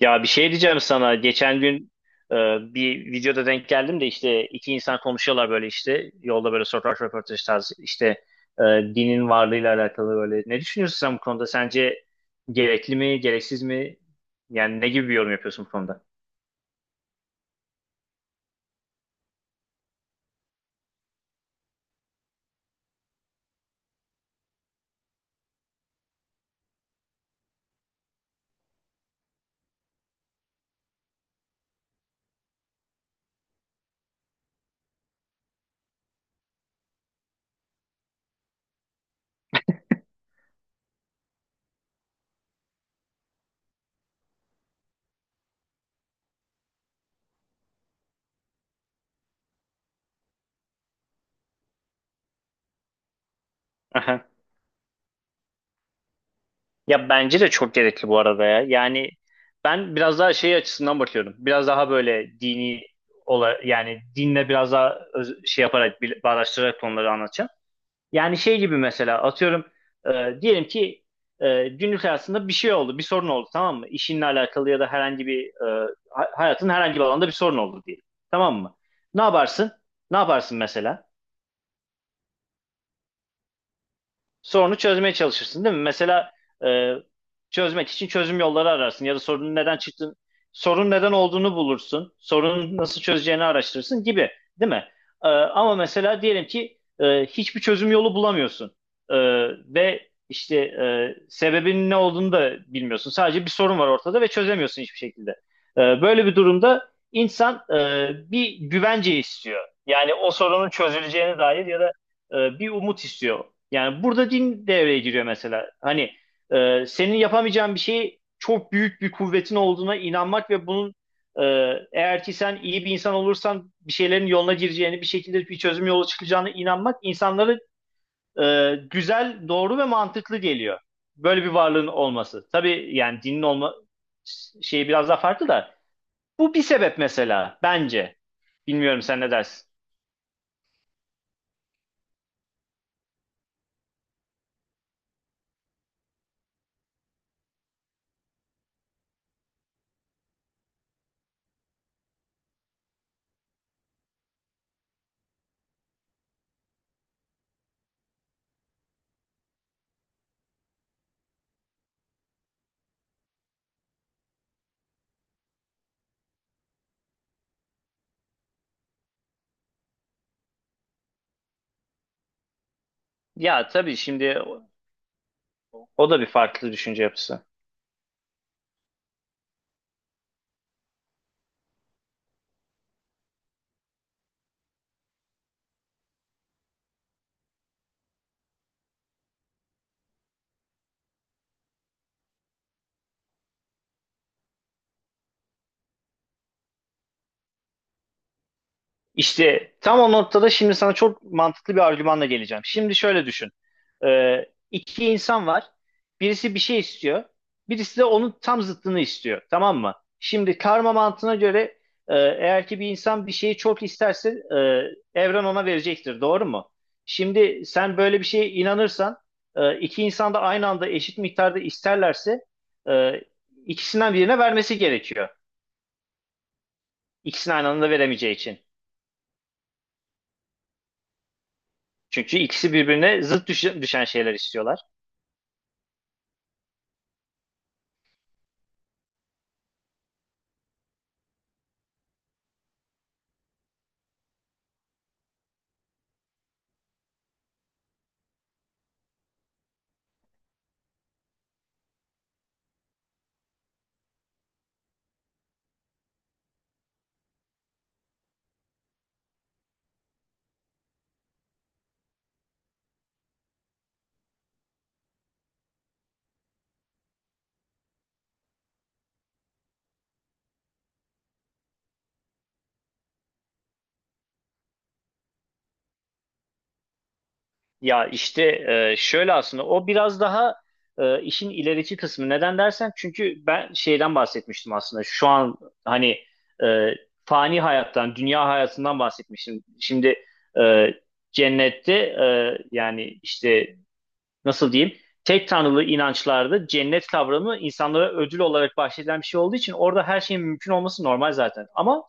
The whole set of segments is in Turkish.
Ya bir şey diyeceğim sana. Geçen gün e, bir videoda denk geldim de işte iki insan konuşuyorlar böyle işte yolda böyle sokak röportajı tarzı işte e, dinin varlığıyla alakalı böyle. Ne düşünüyorsun sen bu konuda? Sence gerekli mi, gereksiz mi? Yani ne gibi bir yorum yapıyorsun bu konuda? Aha. Ya bence de çok gerekli bu arada ya. Yani ben biraz daha şey açısından bakıyorum. Biraz daha böyle yani dinle biraz daha şey yaparak bağdaştırarak konuları anlatacağım. Yani şey gibi mesela atıyorum diyelim ki günlük hayatında bir şey oldu, bir sorun oldu tamam mı? İşinle alakalı ya da herhangi bir hayatın herhangi bir alanda bir sorun oldu diyelim. Tamam mı? Ne yaparsın? Ne yaparsın mesela? Sorunu çözmeye çalışırsın değil mi? Mesela e, çözmek için çözüm yolları ararsın ya da sorunun neden çıktığını, sorun neden olduğunu bulursun, sorunu nasıl çözeceğini araştırırsın gibi, değil mi? Ama mesela diyelim ki hiçbir çözüm yolu bulamıyorsun. E, Ve işte sebebinin ne olduğunu da bilmiyorsun. Sadece bir sorun var ortada ve çözemiyorsun hiçbir şekilde. Böyle bir durumda insan bir güvence istiyor. Yani o sorunun çözüleceğine dair ya da bir umut istiyor. Yani burada din devreye giriyor mesela. Hani senin yapamayacağın bir şeyi çok büyük bir kuvvetin olduğuna inanmak ve bunun e, eğer ki sen iyi bir insan olursan bir şeylerin yoluna gireceğini, bir şekilde bir çözüm yolu çıkacağına inanmak insanlara güzel, doğru ve mantıklı geliyor. Böyle bir varlığın olması. Tabii yani dinin olma şeyi biraz daha farklı da bu bir sebep mesela bence. Bilmiyorum sen ne dersin? Ya tabii şimdi o da bir farklı düşünce yapısı. İşte tam o noktada şimdi sana çok mantıklı bir argümanla geleceğim. Şimdi şöyle düşün. Ee, iki insan var. Birisi bir şey istiyor. Birisi de onun tam zıttını istiyor. Tamam mı? Şimdi karma mantığına göre eğer ki bir insan bir şeyi çok isterse evren ona verecektir. Doğru mu? Şimdi sen böyle bir şeye inanırsan iki insan da aynı anda eşit miktarda isterlerse e, ikisinden birine vermesi gerekiyor. İkisini aynı anda veremeyeceği için. Çünkü ikisi birbirine zıt düşen şeyler istiyorlar. Ya işte şöyle aslında o biraz daha işin ilerici kısmı. Neden dersen çünkü ben şeyden bahsetmiştim aslında. Şu an hani e, fani hayattan, dünya hayatından bahsetmiştim. Şimdi e, cennette yani işte nasıl diyeyim tek tanrılı inançlarda cennet kavramı insanlara ödül olarak bahşedilen bir şey olduğu için orada her şeyin mümkün olması normal zaten. Ama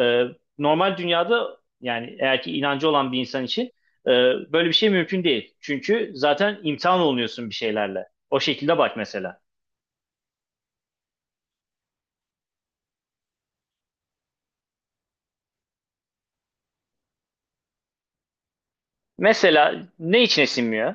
e, normal dünyada yani eğer ki inancı olan bir insan için e, böyle bir şey mümkün değil. Çünkü zaten imtihan olunuyorsun bir şeylerle. O şekilde bak mesela. Mesela ne içine sinmiyor?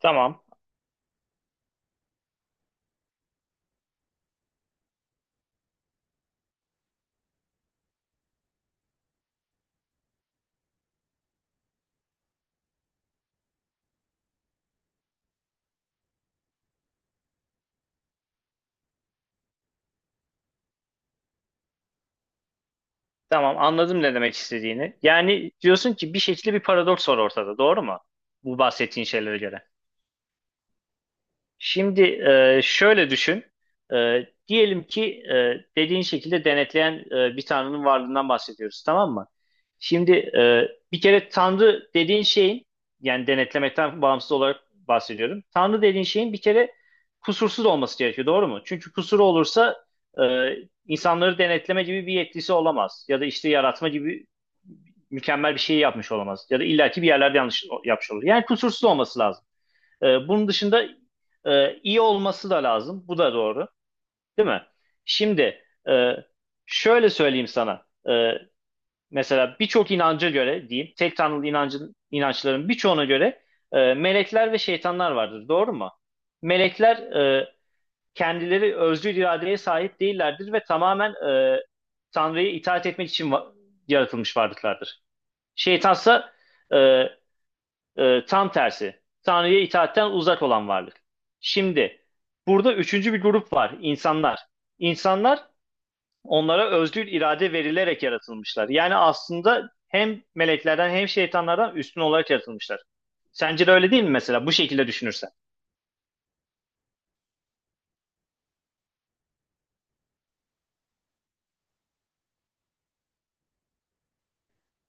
Tamam. Tamam, anladım ne demek istediğini. Yani diyorsun ki bir şekilde bir paradoks var ortada, doğru mu? Bu bahsettiğin şeylere göre. Şimdi şöyle düşün. Diyelim ki dediğin şekilde denetleyen bir tanrının varlığından bahsediyoruz, tamam mı? Şimdi bir kere tanrı dediğin şeyin, yani denetlemekten bağımsız olarak bahsediyorum. Tanrı dediğin şeyin bir kere kusursuz olması gerekiyor, doğru mu? Çünkü kusuru olursa e, insanları denetleme gibi bir yetkisi olamaz. Ya da işte yaratma gibi mükemmel bir şey yapmış olamaz. Ya da illaki bir yerlerde yanlış yapmış olur. Yani kusursuz olması lazım. Bunun dışında iyi olması da lazım. Bu da doğru, değil mi? Şimdi e, şöyle söyleyeyim sana. Mesela birçok inanca göre diyeyim, tek tanrılı inançların birçoğuna göre melekler ve şeytanlar vardır. Doğru mu? Melekler kendileri özgür iradeye sahip değillerdir ve tamamen e, Tanrı'ya itaat etmek için yaratılmış varlıklardır. Şeytansa e, tam tersi. Tanrı'ya itaatten uzak olan varlık. Şimdi burada üçüncü bir grup var. İnsanlar. İnsanlar onlara özgür irade verilerek yaratılmışlar. Yani aslında hem meleklerden hem şeytanlardan üstün olarak yaratılmışlar. Sence de öyle değil mi mesela bu şekilde düşünürsen?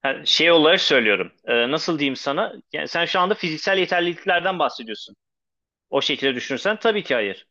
Ha, şey olarak söylüyorum. Nasıl diyeyim sana? Yani sen şu anda fiziksel yeterliliklerden bahsediyorsun. O şekilde düşünürsen tabii ki hayır.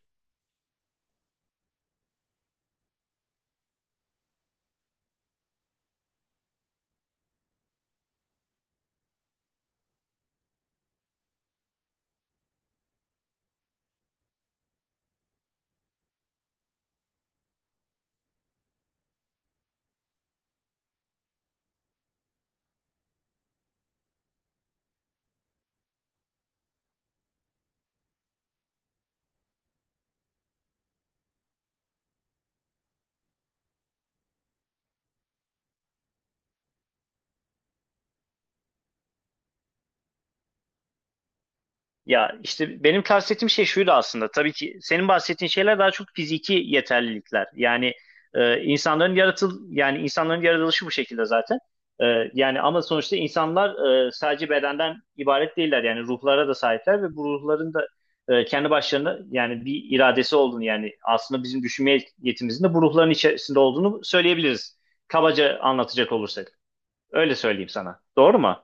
Ya işte benim kastettiğim şey şuydu aslında. Tabii ki senin bahsettiğin şeyler daha çok fiziki yeterlilikler. Yani e, insanların yaratıl yani insanların yaratılışı bu şekilde zaten. Yani ama sonuçta insanlar sadece bedenden ibaret değiller. Yani ruhlara da sahipler ve bu ruhların da kendi başlarına yani bir iradesi olduğunu, yani aslında bizim düşünme yetimizin de bu ruhların içerisinde olduğunu söyleyebiliriz. Kabaca anlatacak olursak. Öyle söyleyeyim sana. Doğru mu?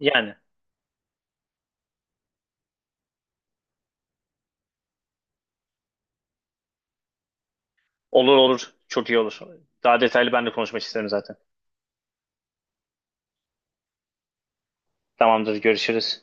Yani. Olur olur. Çok iyi olur. Daha detaylı ben de konuşmak isterim zaten. Tamamdır. Görüşürüz.